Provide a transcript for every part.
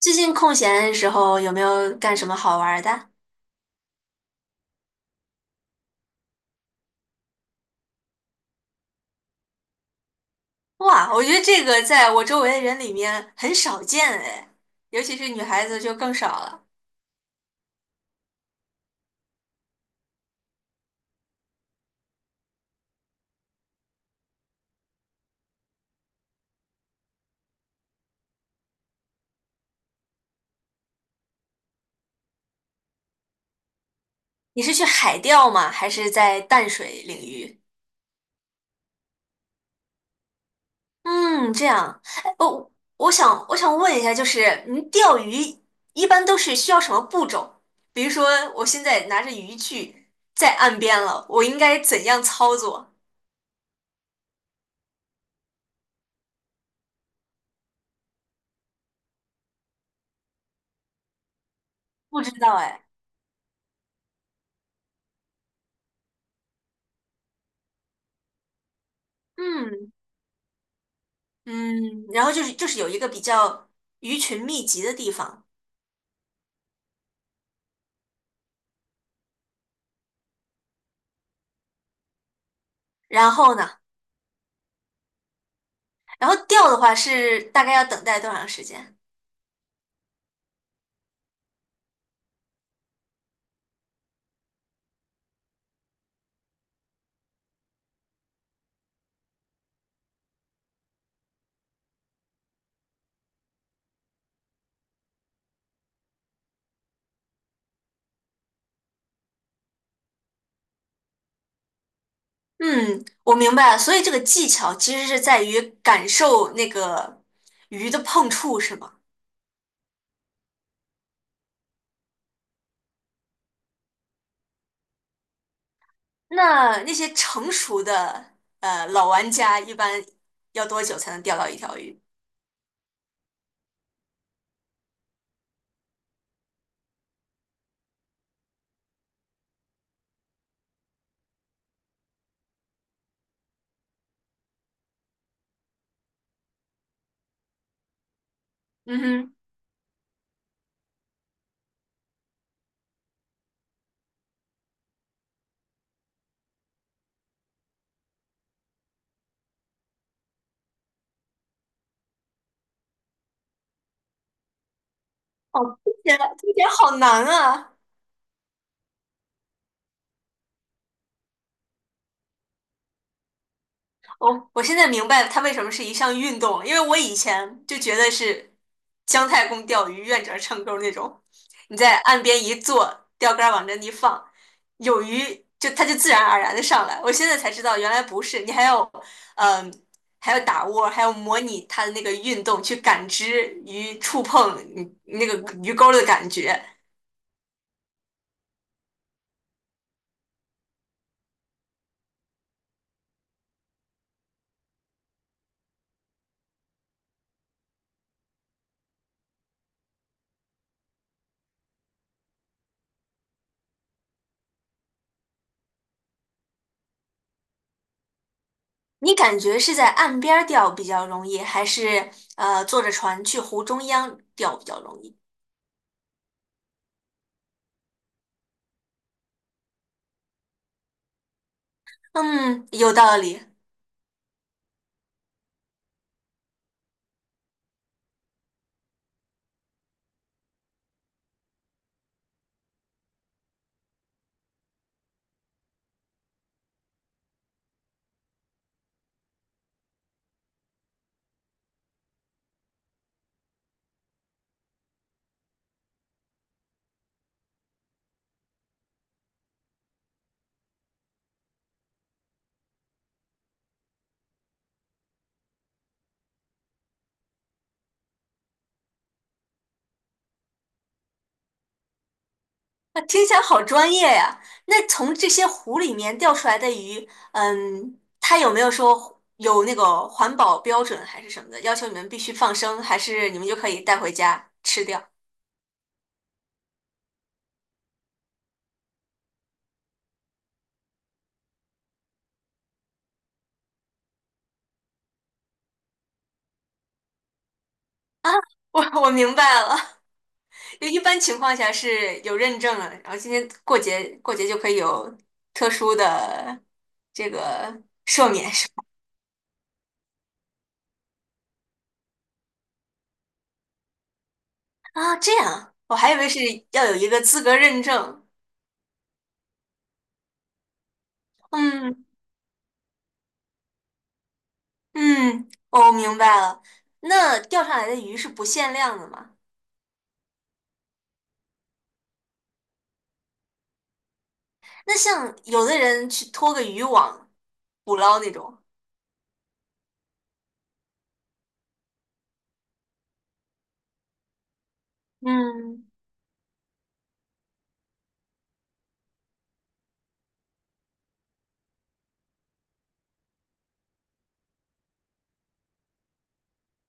最近空闲的时候有没有干什么好玩儿的？哇，我觉得这个在我周围的人里面很少见哎，尤其是女孩子就更少了。你是去海钓吗？还是在淡水领域？嗯，这样。哎，我想问一下，就是您钓鱼一般都是需要什么步骤？比如说我现在拿着渔具在岸边了，我应该怎样操作？不知道哎。嗯，嗯，然后就是有一个比较鱼群密集的地方，然后呢，然后钓的话是大概要等待多长时间？嗯，我明白了，所以这个技巧其实是在于感受那个鱼的碰触，是吗？那那些成熟的老玩家一般要多久才能钓到一条鱼？嗯哼，哦，听起来好难啊！我现在明白它为什么是一项运动了，因为我以前就觉得是姜太公钓鱼、愿者上钩那种，你在岸边一坐，钓竿儿往这一放，有鱼就它就自然而然的上来。我现在才知道原来不是，你还要嗯、还要打窝还要模拟它的那个运动，去感知鱼触碰你那个鱼钩儿的感觉。你感觉是在岸边儿钓比较容易，还是坐着船去湖中央钓比较容易？嗯，有道理。那听起来好专业呀。那从这些湖里面钓出来的鱼，嗯，它有没有说有那个环保标准还是什么的，要求你们必须放生，还是你们就可以带回家吃掉？我明白了。就一般情况下是有认证了，然后今天过节就可以有特殊的这个赦免是吧？啊，这样啊，我还以为是要有一个资格认证。嗯。嗯，我明白了。那钓上来的鱼是不限量的吗？那像有的人去拖个渔网捕捞那种。嗯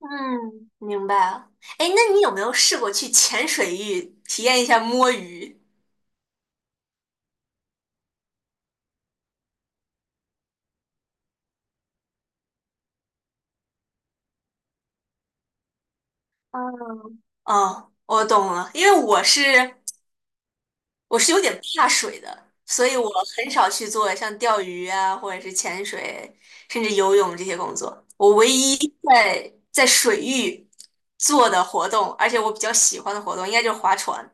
嗯，明白了。哎，那你有没有试过去浅水域体验一下摸鱼？哦，我懂了，因为我是有点怕水的，所以我很少去做像钓鱼啊，或者是潜水，甚至游泳这些工作。我唯一在水域做的活动，而且我比较喜欢的活动，应该就是划船。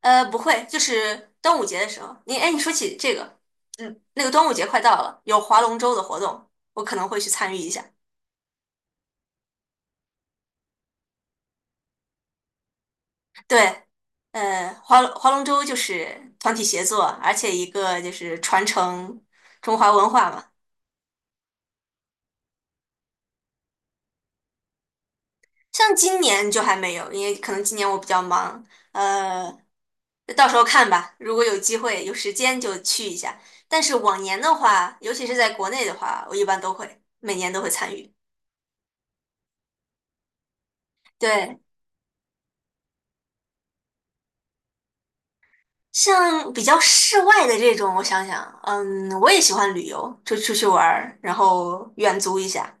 呃，不会，就是端午节的时候。你哎，你说起这个，嗯，那个端午节快到了，有划龙舟的活动，我可能会去参与一下。对，划龙舟就是团体协作，而且一个就是传承中华文化嘛。像今年就还没有，因为可能今年我比较忙，呃，到时候看吧。如果有机会、有时间就去一下。但是往年的话，尤其是在国内的话，我一般都会，每年都会参与。对，像比较室外的这种，我想想，嗯，我也喜欢旅游，就出去玩儿，然后远足一下。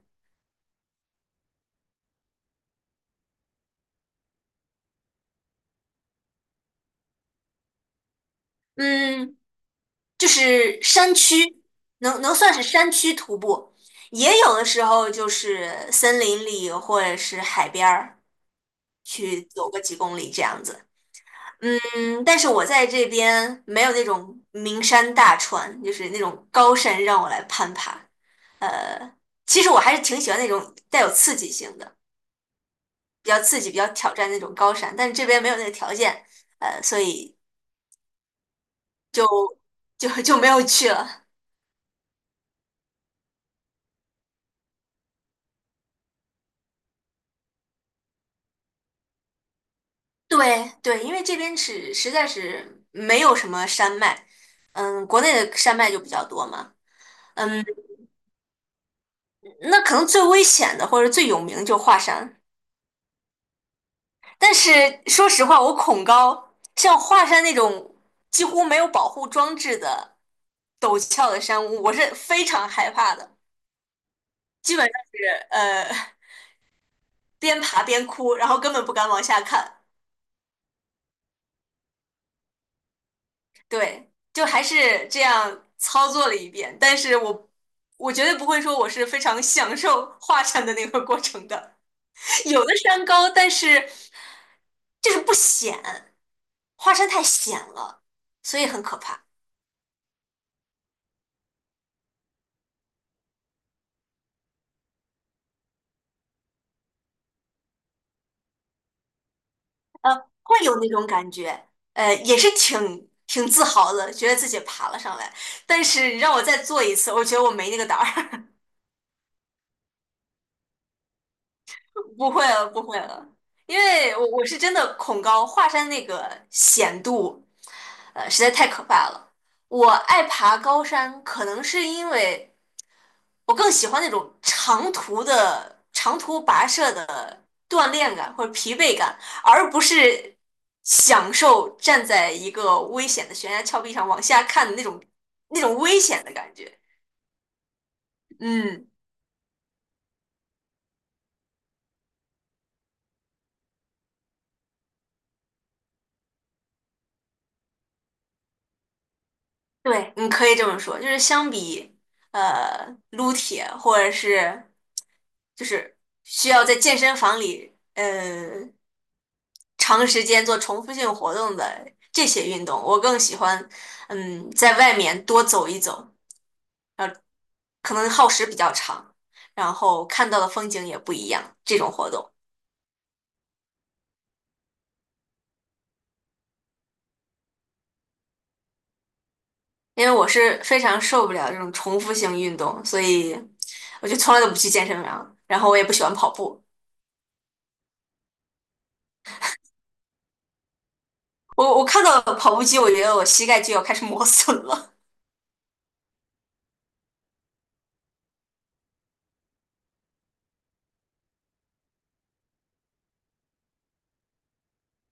嗯，就是山区，能能算是山区徒步，也有的时候就是森林里或者是海边儿。去走个几公里这样子。嗯，但是我在这边没有那种名山大川，就是那种高山让我来攀爬。其实我还是挺喜欢那种带有刺激性的，比较刺激、比较挑战那种高山，但是这边没有那个条件，所以就就没有去了。对对，因为这边是实在是没有什么山脉，嗯，国内的山脉就比较多嘛。嗯，那可能最危险的或者最有名就华山。但是说实话，我恐高，像华山那种几乎没有保护装置的陡峭的山屋我是非常害怕的，基本上是边爬边哭，然后根本不敢往下看。对，就还是这样操作了一遍，但是我绝对不会说我是非常享受华山的那个过程的。有的山高，但是就是不险，华山太险了，所以很可怕。会有那种感觉，也是挺自豪的，觉得自己爬了上来。但是让我再做一次，我觉得我没那个胆儿。不会了，不会了，因为我是真的恐高，华山那个险度，实在太可怕了。我爱爬高山，可能是因为，我更喜欢那种长途的、长途跋涉的锻炼感或者疲惫感，而不是享受站在一个危险的悬崖峭壁上往下看的那种、那种危险的感觉。嗯，对，你可以这么说，就是相比撸铁或者是就是需要在健身房里长时间做重复性活动的这些运动，我更喜欢在外面多走一走。可能耗时比较长，然后看到的风景也不一样。这种活动，因为我是非常受不了这种重复性运动，所以我就从来都不去健身房，然后我也不喜欢跑步。我看到跑步机，我觉得我膝盖就要开始磨损了。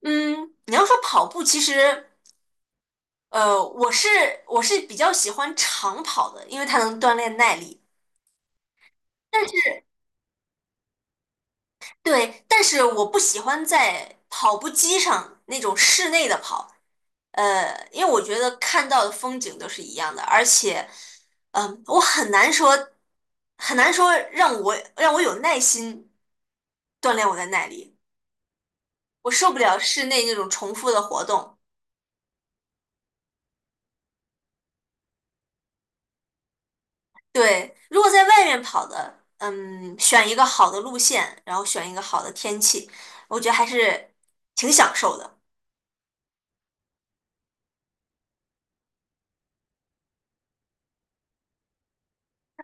嗯，你要说跑步，其实呃，我是我是比较喜欢长跑的，因为它能锻炼耐力。对，但是我不喜欢在跑步机上那种室内的跑，因为我觉得看到的风景都是一样的，而且，我很难说，让我有耐心锻炼我的耐力，我受不了室内那种重复的活动。对，如果在外面跑的，嗯，选一个好的路线，然后选一个好的天气，我觉得还是挺享受的。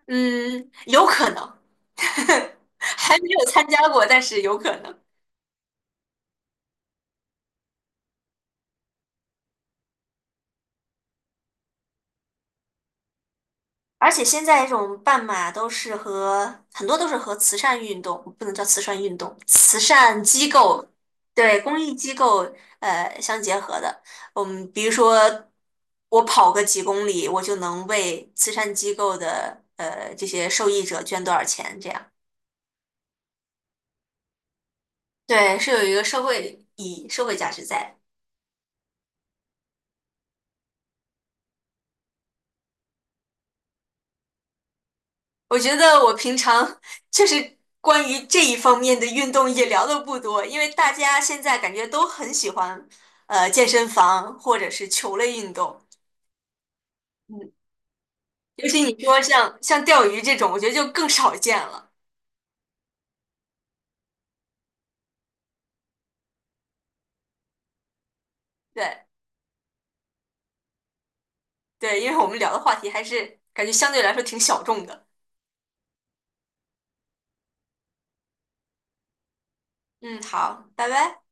嗯，有可能。还没有参加过，但是有可能。而且现在这种半马都是和慈善运动，不能叫慈善运动，慈善机构，对，公益机构相结合的。嗯，比如说我跑个几公里，我就能为慈善机构的这些受益者捐多少钱，这样。对，是有一个社会意义、社会价值在。我觉得我平常就是关于这一方面的运动也聊的不多，因为大家现在感觉都很喜欢健身房或者是球类运动，嗯，尤其你说像钓鱼这种，我觉得就更少见了。对对，因为我们聊的话题还是感觉相对来说挺小众的。嗯，好，拜拜。